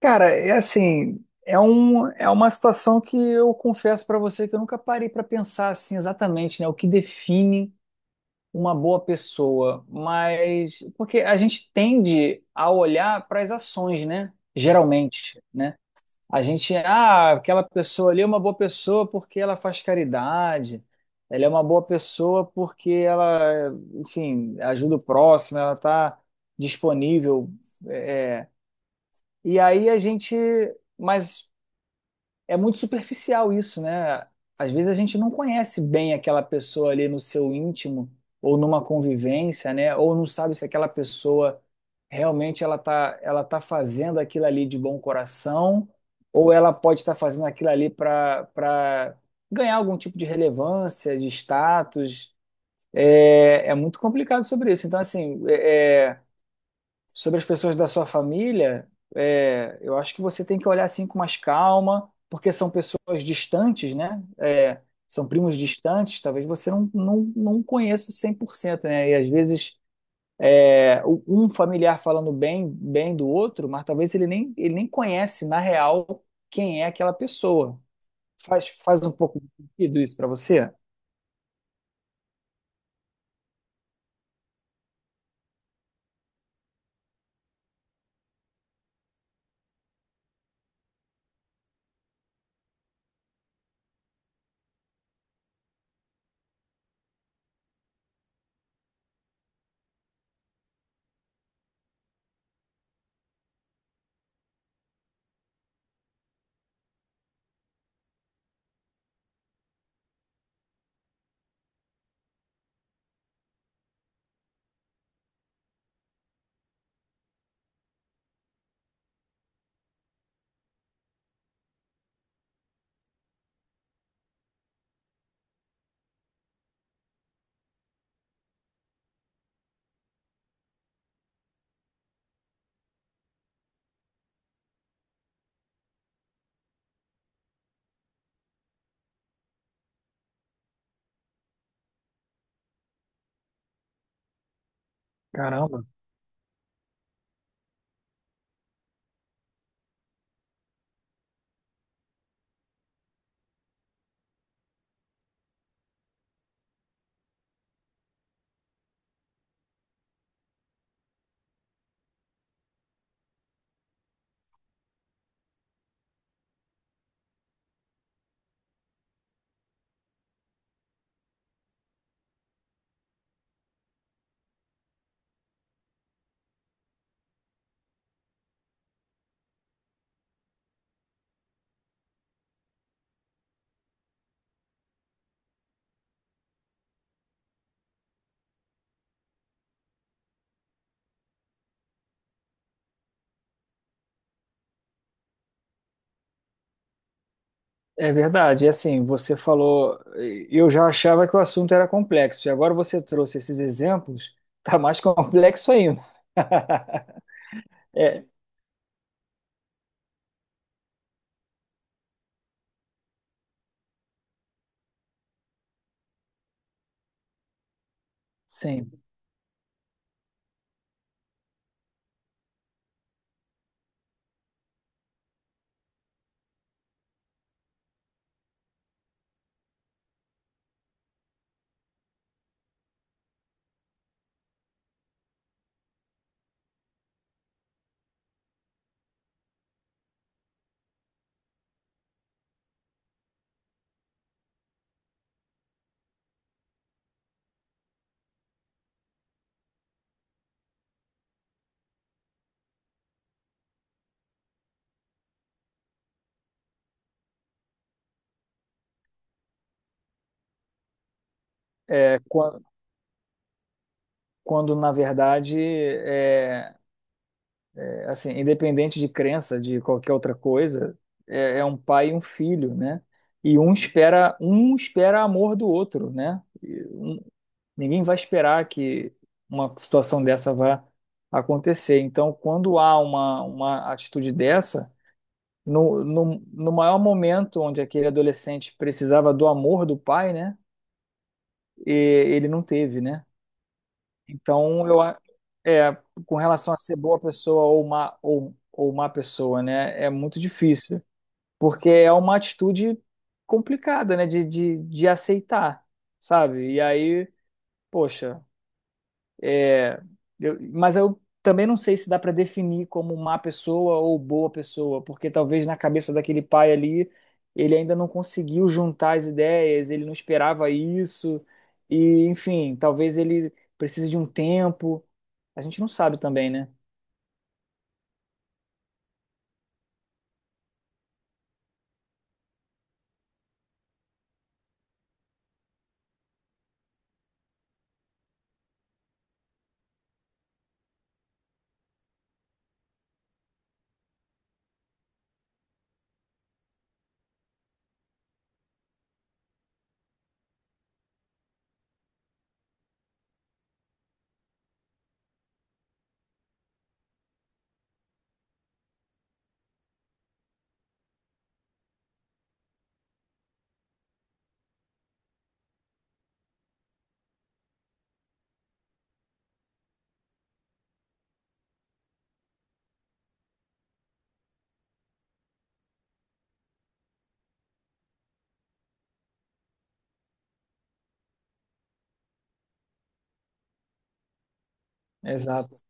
Cara, é assim, é uma situação que eu confesso pra você que eu nunca parei pra pensar assim exatamente, né, o que define uma boa pessoa, mas porque a gente tende a olhar para as ações, né? Geralmente, né? A gente, aquela pessoa ali é uma boa pessoa porque ela faz caridade, ela é uma boa pessoa porque enfim, ajuda o próximo, ela tá disponível, é, é. e aí a gente mas é muito superficial isso, né? Às vezes a gente não conhece bem aquela pessoa ali no seu íntimo ou numa convivência, né? Ou não sabe se aquela pessoa realmente ela tá fazendo aquilo ali de bom coração ou ela pode estar fazendo aquilo ali para ganhar algum tipo de relevância, de status. É muito complicado sobre isso. Então, assim, sobre as pessoas da sua família, eu acho que você tem que olhar assim com mais calma, porque são pessoas distantes, né? São primos distantes, talvez você não conheça 100%, né? E às vezes um familiar falando bem do outro, mas talvez ele nem conhece na real quem é aquela pessoa. Faz um pouco de sentido isso para você? Caramba. É verdade, e assim, você falou, eu já achava que o assunto era complexo, e agora você trouxe esses exemplos, tá mais complexo ainda. É, sim. É, quan- Quando, na verdade, assim, independente de crença, de qualquer outra coisa, é um pai e um filho, né? E um espera amor do outro, né? Ninguém vai esperar que uma situação dessa vá acontecer. Então, quando há uma atitude dessa no maior momento onde aquele adolescente precisava do amor do pai, né? E ele não teve, né? Então, eu, a- é, com relação a ser boa pessoa ou má, ou má pessoa, né? É muito difícil, porque é uma atitude complicada, né? De aceitar, sabe? E aí, poxa, É, mas eu também não sei se dá para definir como má pessoa ou boa pessoa, porque talvez na cabeça daquele pai ali, ele ainda não conseguiu juntar as ideias, ele não esperava isso, e enfim, talvez ele precise de um tempo. A gente não sabe também, né? Exato.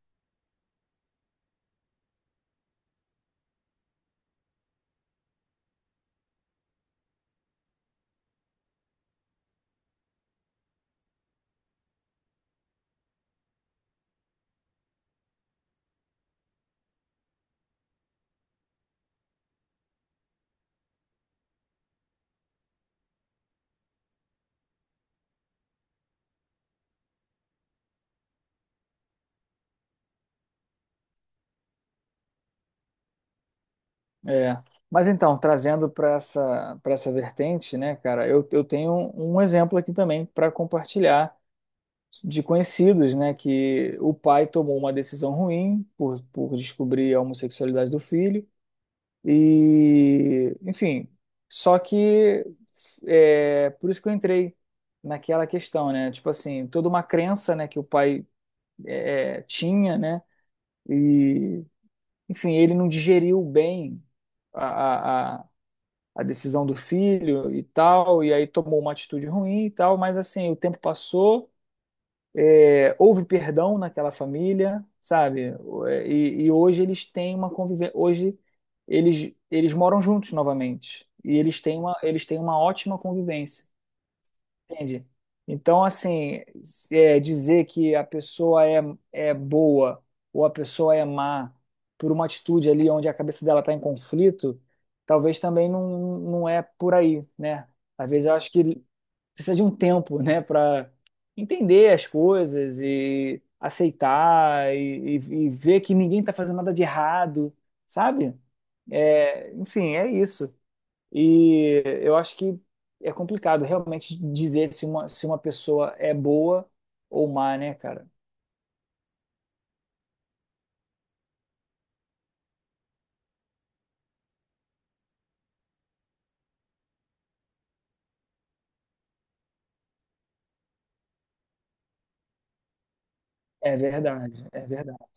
É. Mas então, trazendo para essa vertente, né, cara, eu tenho um exemplo aqui também para compartilhar de conhecidos, né, que o pai tomou uma decisão ruim por descobrir a homossexualidade do filho e, enfim, só que é por isso que eu entrei naquela questão, né, tipo assim, toda uma crença, né, que o pai tinha, né, e, enfim, ele não digeriu bem a, a, a a decisão do filho e tal, e aí tomou uma atitude ruim e tal, mas assim, o tempo passou, houve perdão naquela família, sabe? E hoje eles têm uma convivência. Hoje eles moram juntos novamente. E eles têm uma ótima convivência. Entende? Então, assim, dizer que a pessoa é boa ou a pessoa é má por uma atitude ali onde a cabeça dela está em conflito, talvez também não é por aí, né? Às vezes eu acho que precisa de um tempo, né, para entender as coisas e aceitar e e ver que ninguém está fazendo nada de errado, sabe? É, enfim, é isso. E eu acho que é complicado realmente dizer se uma pessoa é boa ou má, né, cara? É verdade, é verdade.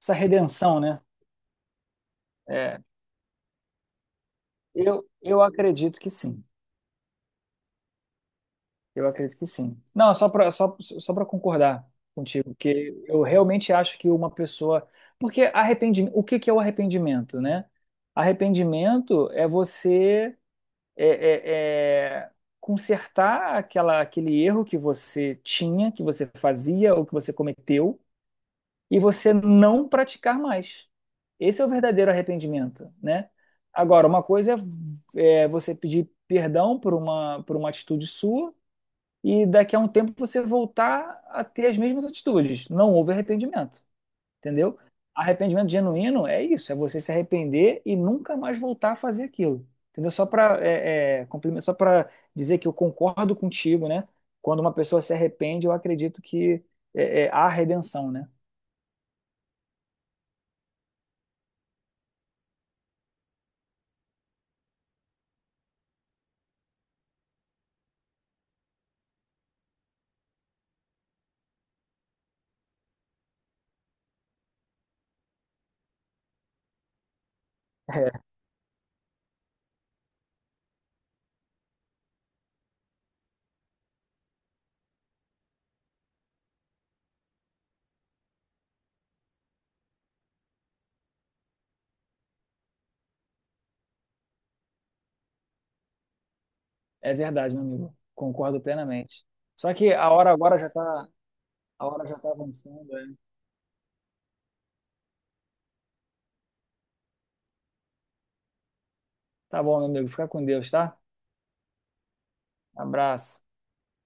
Essa redenção, né? É, eu acredito que sim. Eu acredito que sim. Não, só para concordar contigo, que eu realmente acho que uma pessoa. Porque arrependimento, o que que é o arrependimento, né? Arrependimento é você é, é, é, consertar aquele erro que você tinha, que você fazia ou que você cometeu, e você não praticar mais. Esse é o verdadeiro arrependimento, né? Agora, uma coisa é você pedir perdão por uma atitude sua e daqui a um tempo você voltar a ter as mesmas atitudes. Não houve arrependimento, entendeu? Arrependimento genuíno é isso, é você se arrepender e nunca mais voltar a fazer aquilo, entendeu? Só para só para dizer que eu concordo contigo, né? Quando uma pessoa se arrepende, eu acredito que há redenção, né? É é verdade, meu amigo. Concordo plenamente. Só que a hora agora já tá, a hora já tá avançando. É. Tá bom, meu amigo. Fica com Deus, tá? Abraço.